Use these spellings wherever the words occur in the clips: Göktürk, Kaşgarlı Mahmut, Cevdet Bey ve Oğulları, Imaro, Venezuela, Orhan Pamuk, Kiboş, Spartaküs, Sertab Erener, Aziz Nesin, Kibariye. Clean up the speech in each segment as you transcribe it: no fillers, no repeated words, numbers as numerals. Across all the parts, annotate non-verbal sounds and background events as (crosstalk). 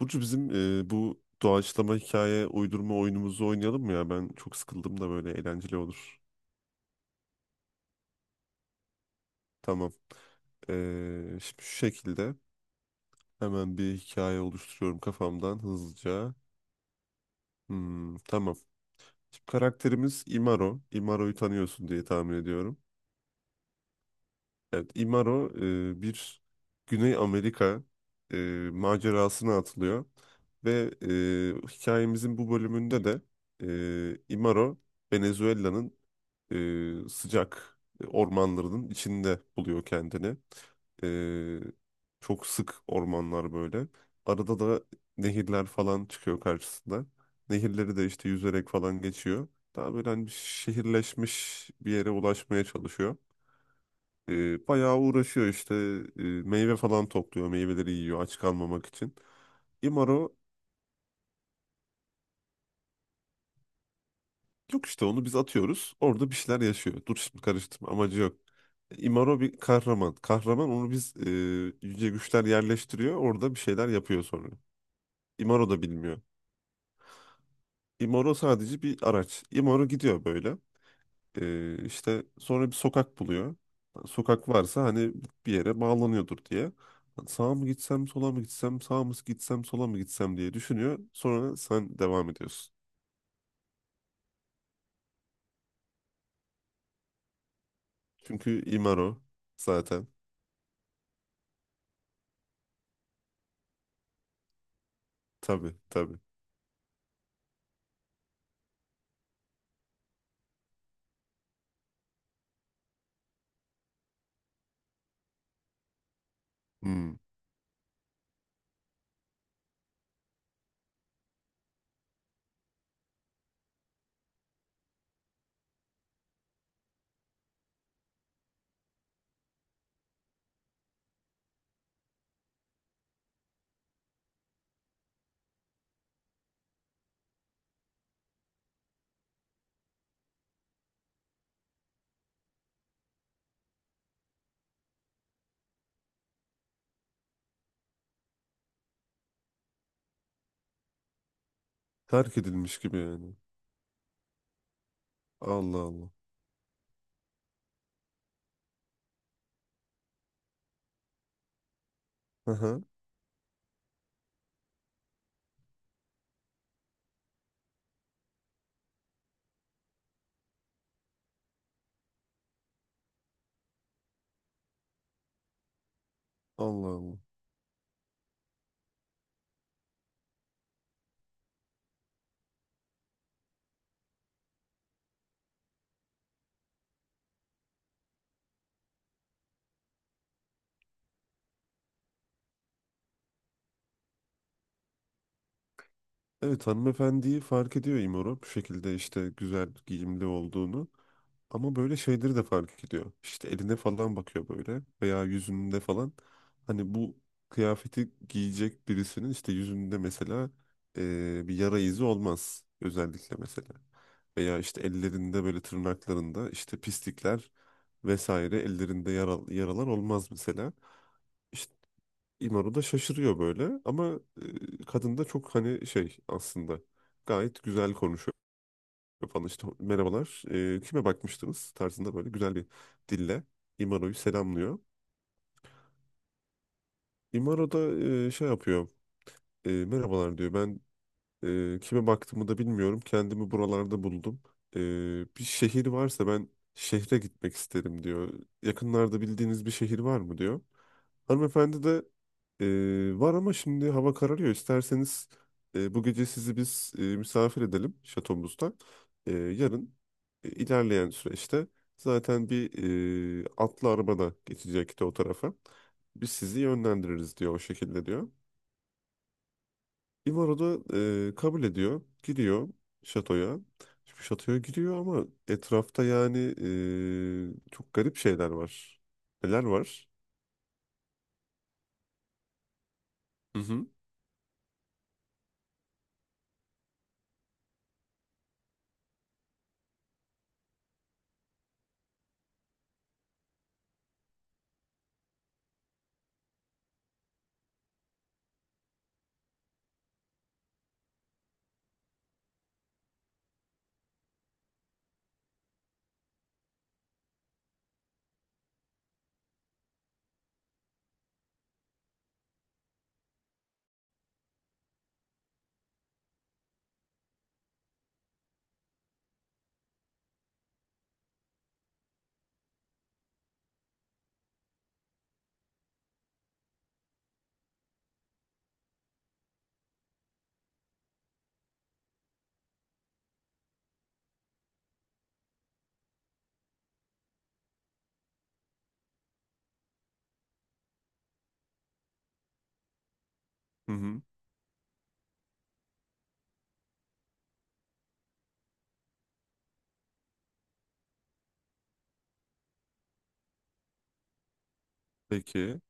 Burcu bizim bu doğaçlama hikaye uydurma oyunumuzu oynayalım mı ya? Ben çok sıkıldım da böyle eğlenceli olur. Tamam. Şimdi şu şekilde hemen bir hikaye oluşturuyorum kafamdan hızlıca. Hmm, tamam. Şimdi karakterimiz Imaro. Imaro'yu tanıyorsun diye tahmin ediyorum. Evet, Imaro bir Güney Amerika e, macerasına atılıyor. Ve hikayemizin bu bölümünde de Imaro Venezuela'nın sıcak ormanların içinde buluyor kendini. E, Çok sık ormanlar böyle. Arada da nehirler falan çıkıyor karşısında. Nehirleri de işte yüzerek falan geçiyor. Daha böyle hani bir şehirleşmiş bir yere ulaşmaya çalışıyor. Bayağı uğraşıyor işte. Meyve falan topluyor, meyveleri yiyor aç kalmamak için. Imaro yok işte, onu biz atıyoruz. Orada bir şeyler yaşıyor. Dur şimdi karıştırma, amacı yok. Imaro bir kahraman. Kahraman onu biz yüce güçler yerleştiriyor. Orada bir şeyler yapıyor sonra. Imaro da bilmiyor. Imaro sadece bir araç. Imaro gidiyor böyle. İşte sonra bir sokak buluyor. Sokak varsa hani bir yere bağlanıyordur diye. Sağa mı gitsem, sola mı gitsem, sağa mı gitsem, sola mı gitsem diye düşünüyor. Sonra sen devam ediyorsun. Çünkü Imaro zaten. Tabii tabii. Hmm. Terk edilmiş gibi yani. Allah Allah. Aha, Allah Allah. Evet, hanımefendiyi fark ediyor İmora, bu şekilde işte güzel giyimli olduğunu. Ama böyle şeyleri de fark ediyor. İşte eline falan bakıyor böyle veya yüzünde falan. Hani bu kıyafeti giyecek birisinin işte yüzünde mesela bir yara izi olmaz özellikle mesela. Veya işte ellerinde böyle tırnaklarında işte pislikler vesaire ellerinde yaralar olmaz mesela. İşte İmaro da şaşırıyor böyle ama kadın da çok, hani şey aslında, gayet güzel konuşuyor falan, işte merhabalar, kime bakmıştınız tarzında böyle güzel bir dille İmaro'yu selamlıyor. İmaro da şey yapıyor, merhabalar diyor, ben kime baktığımı da bilmiyorum, kendimi buralarda buldum. E, Bir şehir varsa ben şehre gitmek isterim diyor, yakınlarda bildiğiniz bir şehir var mı diyor. Hanımefendi de: ee, var ama şimdi hava kararıyor. İsterseniz bu gece sizi biz misafir edelim şatomuzda. Yarın ilerleyen süreçte zaten bir atlı arabada geçecekti o tarafa. Biz sizi yönlendiririz diyor, o şekilde diyor. İmaro da kabul ediyor. Giriyor şatoya. Şimdi şatoya giriyor ama etrafta yani çok garip şeyler var. Neler var? Hı hı. Hı hı. Peki.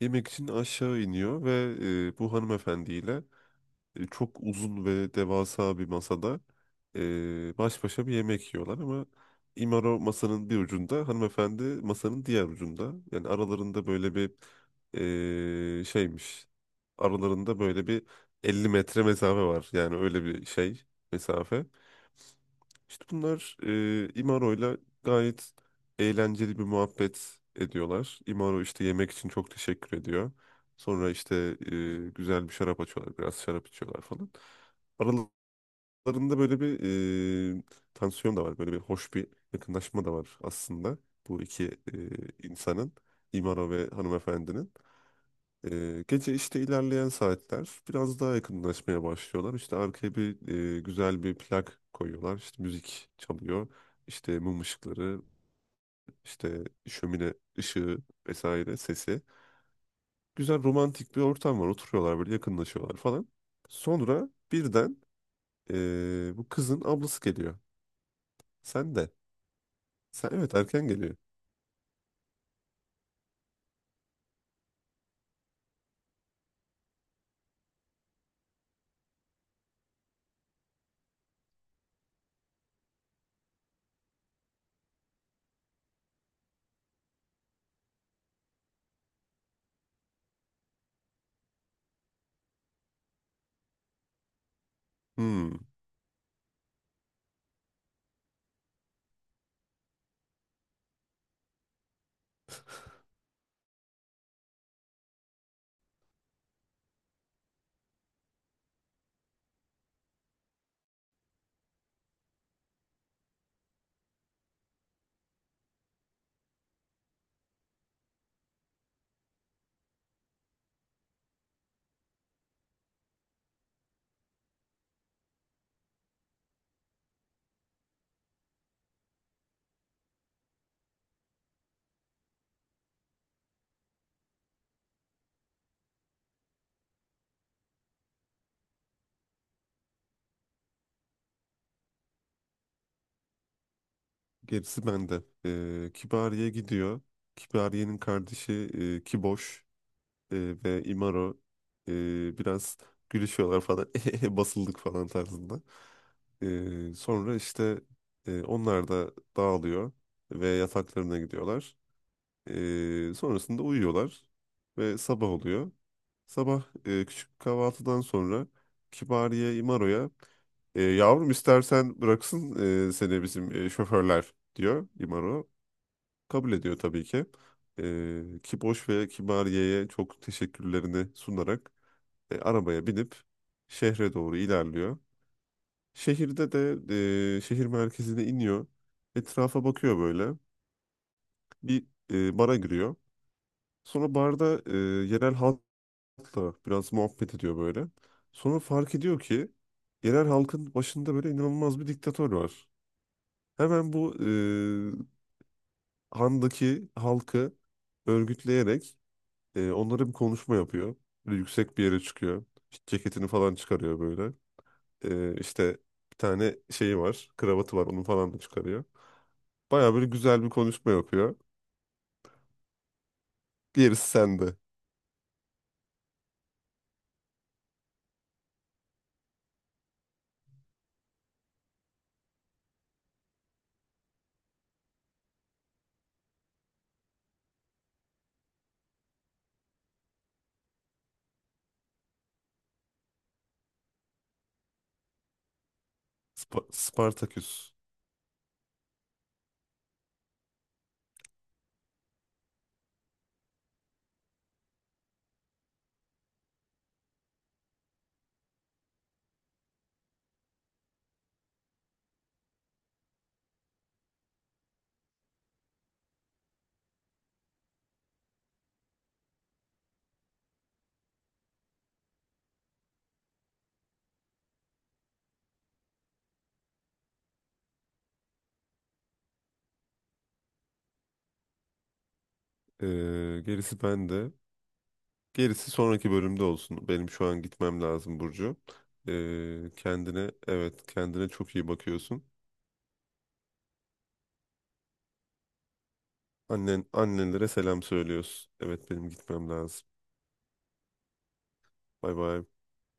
Yemek için aşağı iniyor ve bu hanımefendiyle çok uzun ve devasa bir masada baş başa bir yemek yiyorlar ama İmaro masanın bir ucunda, hanımefendi masanın diğer ucunda. Yani aralarında böyle bir şeymiş. Aralarında böyle bir 50 metre mesafe var. Yani öyle bir şey mesafe. İşte bunlar İmaro'yla gayet eğlenceli bir muhabbet ediyorlar. İmaro işte yemek için çok teşekkür ediyor. Sonra işte güzel bir şarap açıyorlar, biraz şarap içiyorlar falan. Aralarında böyle bir e, tansiyon da var, böyle bir hoş bir yakınlaşma da var aslında bu iki insanın, İmaro ve hanımefendinin. Gece işte ilerleyen saatler biraz daha yakınlaşmaya başlıyorlar. İşte arkaya bir güzel bir plak koyuyorlar. İşte müzik çalıyor. İşte mum ışıkları, işte şömine ışığı vesaire sesi. Güzel romantik bir ortam var. Oturuyorlar böyle, yakınlaşıyorlar falan. Sonra birden bu kızın ablası geliyor. Sen de. Sen, evet, erken geliyor. Hmm, gerisi bende. Kibariye gidiyor. Kibariye'nin kardeşi Kiboş. e, Ve Imaro biraz gülüşüyorlar falan (laughs) "Ehehe, basıldık falan" tarzında. Sonra işte onlar da dağılıyor ve yataklarına gidiyorlar. Sonrasında uyuyorlar ve sabah oluyor. Sabah küçük kahvaltıdan sonra Kibariye Imaro'ya: yavrum istersen bıraksın seni bizim şoförler diyor Imaro. Kabul ediyor tabii ki. Kiboş ve Kibariye'ye çok teşekkürlerini sunarak arabaya binip şehre doğru ilerliyor. Şehirde de şehir merkezine iniyor. Etrafa bakıyor böyle. Bir bara giriyor. Sonra barda yerel halkla biraz muhabbet ediyor böyle. Sonra fark ediyor ki yerel halkın başında böyle inanılmaz bir diktatör var. Hemen bu handaki halkı örgütleyerek onlara bir konuşma yapıyor. Böyle yüksek bir yere çıkıyor. İşte ceketini falan çıkarıyor böyle. İşte bir tane şeyi var. Kravatı var. Onu falan da çıkarıyor. Baya böyle güzel bir konuşma yapıyor. Gerisi sende. Spartaküs. Ee, gerisi bende. Gerisi sonraki bölümde olsun. Benim şu an gitmem lazım Burcu. Kendine, evet, kendine çok iyi bakıyorsun. Annen annelere selam söylüyorsun. Evet, benim gitmem lazım. Bay bay.